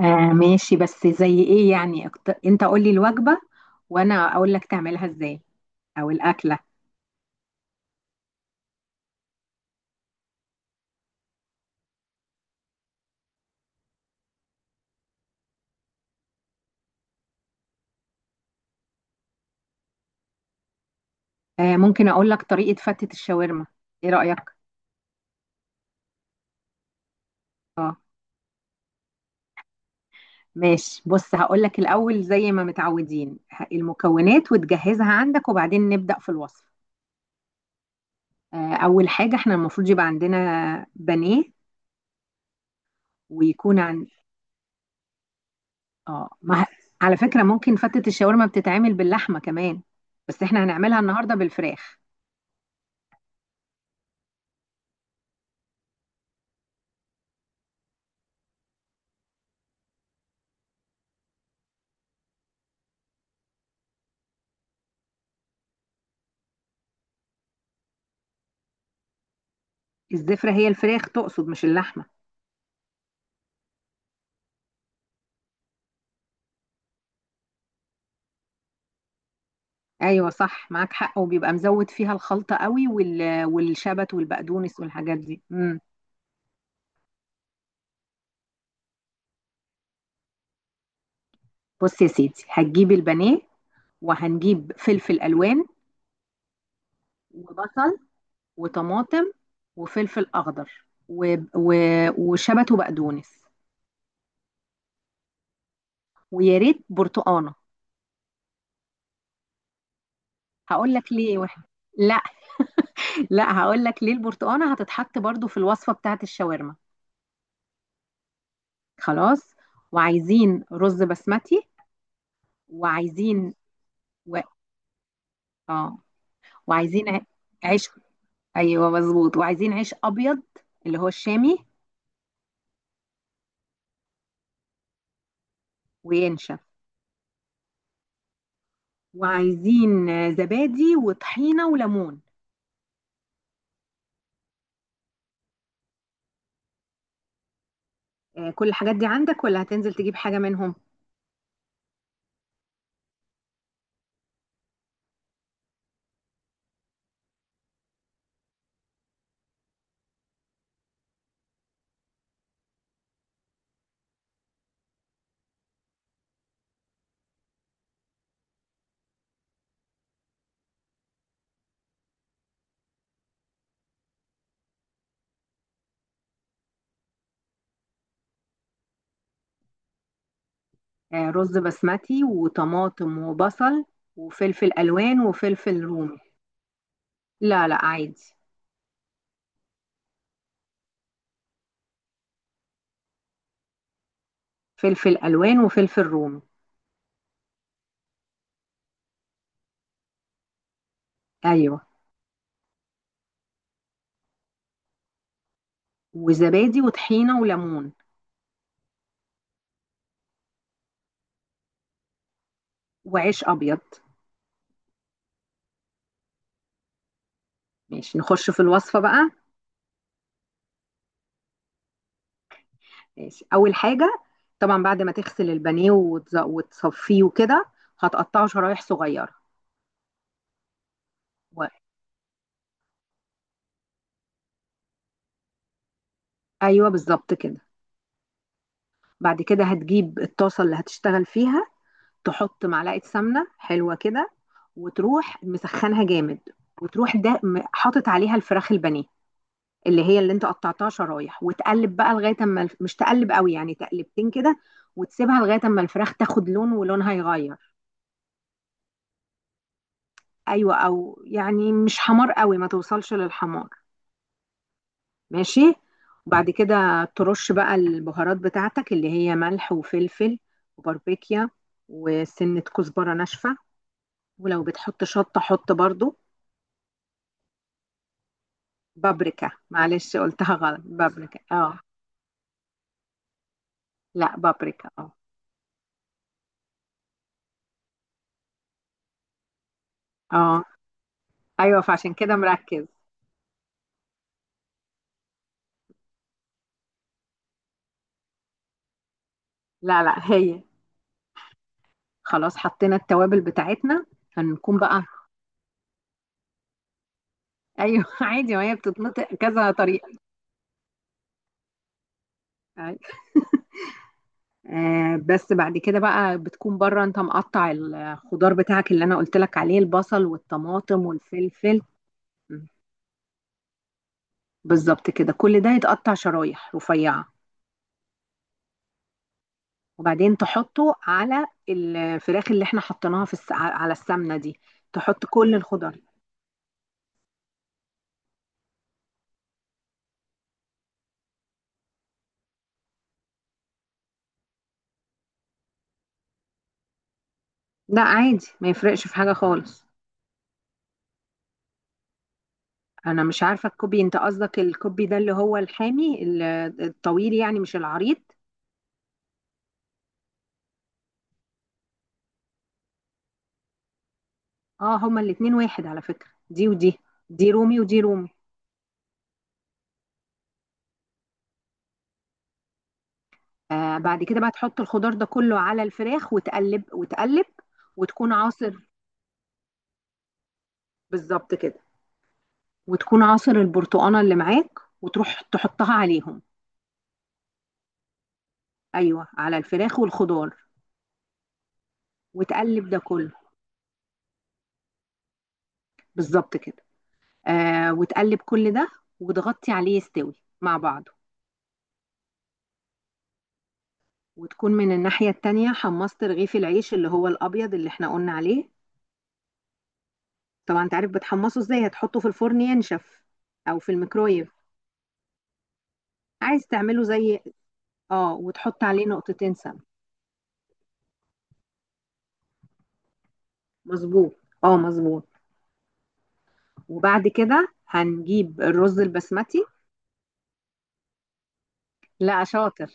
آه، ماشي. بس زي ايه يعني، انت قولي الوجبة وانا اقول لك تعملها ازاي، او الاكلة. آه، ممكن اقول لك طريقة فتة الشاورما. ايه رأيك؟ اه ماشي، بص هقول لك الاول زي ما متعودين، المكونات وتجهزها عندك وبعدين نبدأ في الوصف. آه، اول حاجة احنا المفروض يبقى عندنا بانيه ويكون عن. اه، ما... ه- على فكرة ممكن فتة الشاورما بتتعمل باللحمة كمان، بس احنا هنعملها النهاردة بالفراخ. الزفرة هي الفراخ تقصد، مش اللحمة؟ ايوه صح، معاك حق. وبيبقى مزود فيها الخلطه قوي والشبت والبقدونس والحاجات دي. بص يا سيدي، هتجيب البانيه وهنجيب فلفل الوان وبصل وطماطم وفلفل اخضر وشبت وبقدونس، ويا ريت برتقانه. هقول لك ليه، واحد. لا، لا، هقول لك ليه البرتقانه هتتحط برضو في الوصفه بتاعت الشاورما. خلاص، وعايزين رز بسمتي وعايزين و... اه وعايزين ع- عيش. ايوه مظبوط، وعايزين عيش ابيض اللي هو الشامي وينشف. وعايزين زبادي وطحينه وليمون. كل الحاجات دي عندك ولا هتنزل تجيب حاجه منهم؟ رز بسمتي وطماطم وبصل وفلفل الوان وفلفل رومي. لا، لا، عادي. فلفل الوان وفلفل رومي. ايوه، وزبادي وطحينه وليمون وعيش ابيض. ماشي، نخش في الوصفه بقى. ماشي، اول حاجه طبعا بعد ما تغسل البانيه وتصفيه وكده، هتقطعه شرايح صغيره و... ايوه بالظبط كده. بعد كده هتجيب الطاسه اللي هتشتغل فيها، تحط معلقه سمنه حلوه كده وتروح مسخنها جامد، وتروح حاطط عليها الفراخ البانيه اللي هي اللي انت قطعتها شرايح، وتقلب بقى لغايه اما مش تقلب قوي، يعني تقلبتين كده. وتسيبها لغايه اما الفراخ تاخد لون ولونها يغير. ايوه، او يعني مش حمار قوي، ما توصلش للحمار. ماشي. وبعد كده ترش بقى البهارات بتاعتك اللي هي ملح وفلفل وباربيكيا وسنة كزبرة ناشفة، ولو بتحط شطة حط برضو. بابريكا، معلش قلتها غلط، بابريكا، اه. لا، بابريكا، اه. اه. ايوه، فعشان كده مركز. لا، لا، هي. خلاص، حطينا التوابل بتاعتنا. هنكون بقى. ايوه عادي، ما هي بتتنطق كذا طريقة. بس بعد كده بقى، بتكون بره انت مقطع الخضار بتاعك اللي انا قلت لك عليه، البصل والطماطم والفلفل. مم. بالظبط كده، كل ده يتقطع شرايح رفيعة، وبعدين تحطه على الفراخ اللي احنا حطيناها على السمنة دي. تحط كل الخضار. لا عادي، ما يفرقش في حاجة خالص. انا مش عارفة الكوبي، انت قصدك الكوبي ده اللي هو الحامي، الطويل يعني، مش العريض. اه، هما الاتنين واحد على فكرة، دي ودي. دي رومي ودي رومي. آه، بعد كده بقى تحط الخضار ده كله على الفراخ وتقلب وتقلب وتكون عاصر. بالظبط كده. وتكون عاصر البرتقانه اللي معاك وتروح تحطها عليهم. ايوه، على الفراخ والخضار. وتقلب ده كله، بالظبط كده. آه، وتقلب كل ده وتغطي عليه يستوي مع بعضه. وتكون من الناحيه التانيه حمصت رغيف العيش اللي هو الابيض اللي احنا قلنا عليه. طبعا انت عارف بتحمصه ازاي، هتحطه في الفرن ينشف او في الميكرويف. عايز تعمله زي. اه، وتحط عليه نقطتين سمنه. مظبوط، اه مظبوط. وبعد كده هنجيب الرز البسمتي. لا، شاطر.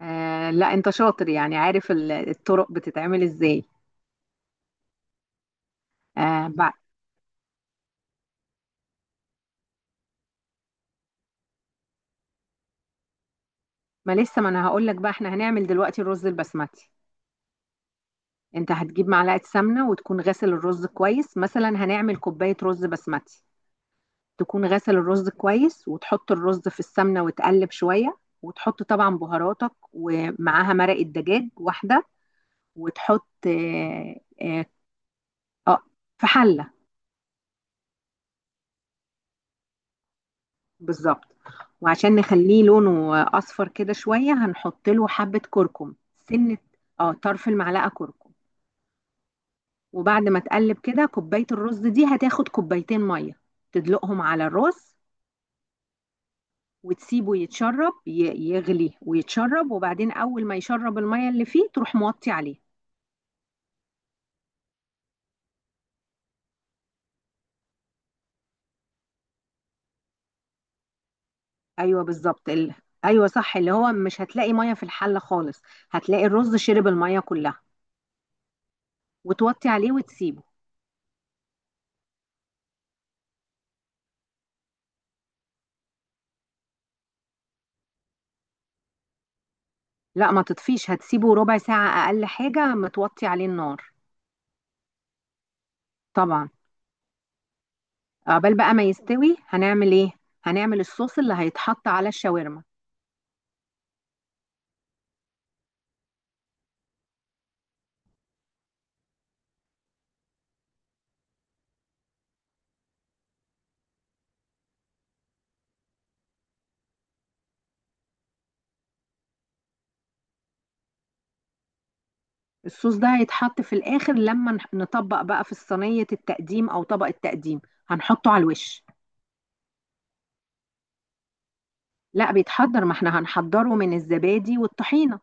آه لا، انت شاطر، يعني عارف الطرق بتتعمل ازاي. آه بقى، ما لسه، ما انا هقول لك بقى احنا هنعمل دلوقتي الرز البسمتي. انت هتجيب معلقة سمنة وتكون غسل الرز كويس، مثلا هنعمل كوباية رز بسمتي. تكون غسل الرز كويس وتحط الرز في السمنة وتقلب شوية، وتحط طبعا بهاراتك ومعاها مرق الدجاج واحدة. وتحط. آه آه، في حلة. بالظبط. وعشان نخليه لونه اصفر كده شويه، هنحط له حبه كركم سنه. اه، طرف المعلقه كركم. وبعد ما تقلب كده، كوبايه الرز دي هتاخد كوبايتين ميه، تدلقهم على الرز وتسيبه يتشرب، يغلي ويتشرب، وبعدين اول ما يشرب الميه اللي فيه تروح موطي عليه. ايوه بالظبط. ايوه صح، اللي هو مش هتلاقي ميه في الحله خالص، هتلاقي الرز شرب الميه كلها. وتوطي عليه وتسيبه. لا ما تطفيش، هتسيبه ربع ساعة أقل حاجة متوطي عليه النار. طبعا. عقبال بقى ما يستوي، هنعمل إيه؟ هنعمل الصوص اللي هيتحط على الشاورما. الصوص ده هيتحط في الآخر، لما نطبق بقى في صينية التقديم أو طبق التقديم، هنحطه على الوش. لا بيتحضر، ما احنا هنحضره من الزبادي والطحينة.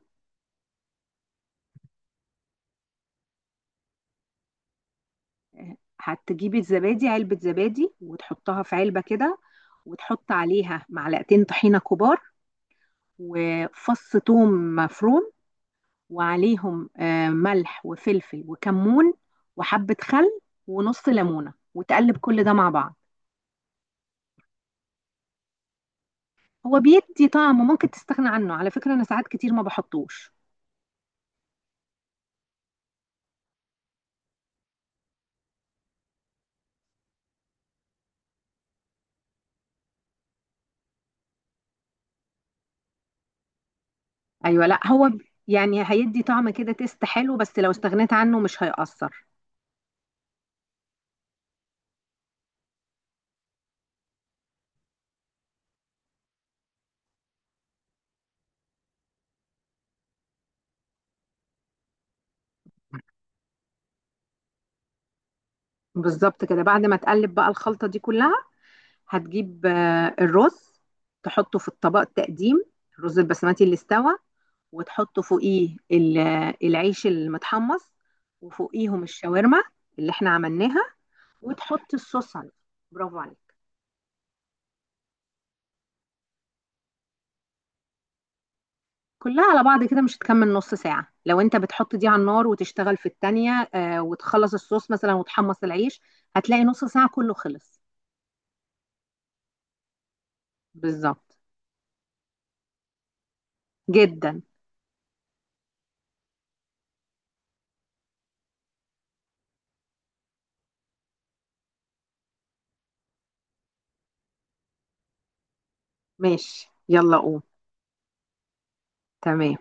هتجيبي الزبادي، علبة زبادي وتحطها في علبة كده، وتحط عليها معلقتين طحينة كبار وفص ثوم مفروم، وعليهم ملح وفلفل وكمون وحبة خل ونص ليمونة، وتقلب كل ده مع بعض. هو بيدي طعم، ممكن تستغنى عنه على فكرة، أنا ساعات كتير ما بحطوش. أيوة لا، هو. يعني هيدي طعم كده، تيست حلو، بس لو استغنيت عنه مش هيأثر. بالظبط كده. بعد ما تقلب بقى الخلطة دي كلها، هتجيب الرز، تحطه في الطبق التقديم، الرز البسمتي اللي استوى، وتحط فوقيه العيش المتحمص، وفوقيهم الشاورما اللي احنا عملناها، وتحط الصوص عليه. برافو عليك. كلها على بعض كده مش هتكمل نص ساعة، لو انت بتحط دي على النار وتشتغل في التانية، وتخلص الصوص مثلا وتحمص العيش، هتلاقي نص ساعة كله خلص. بالظبط. جدا. ماشي، يلا قوم. تمام.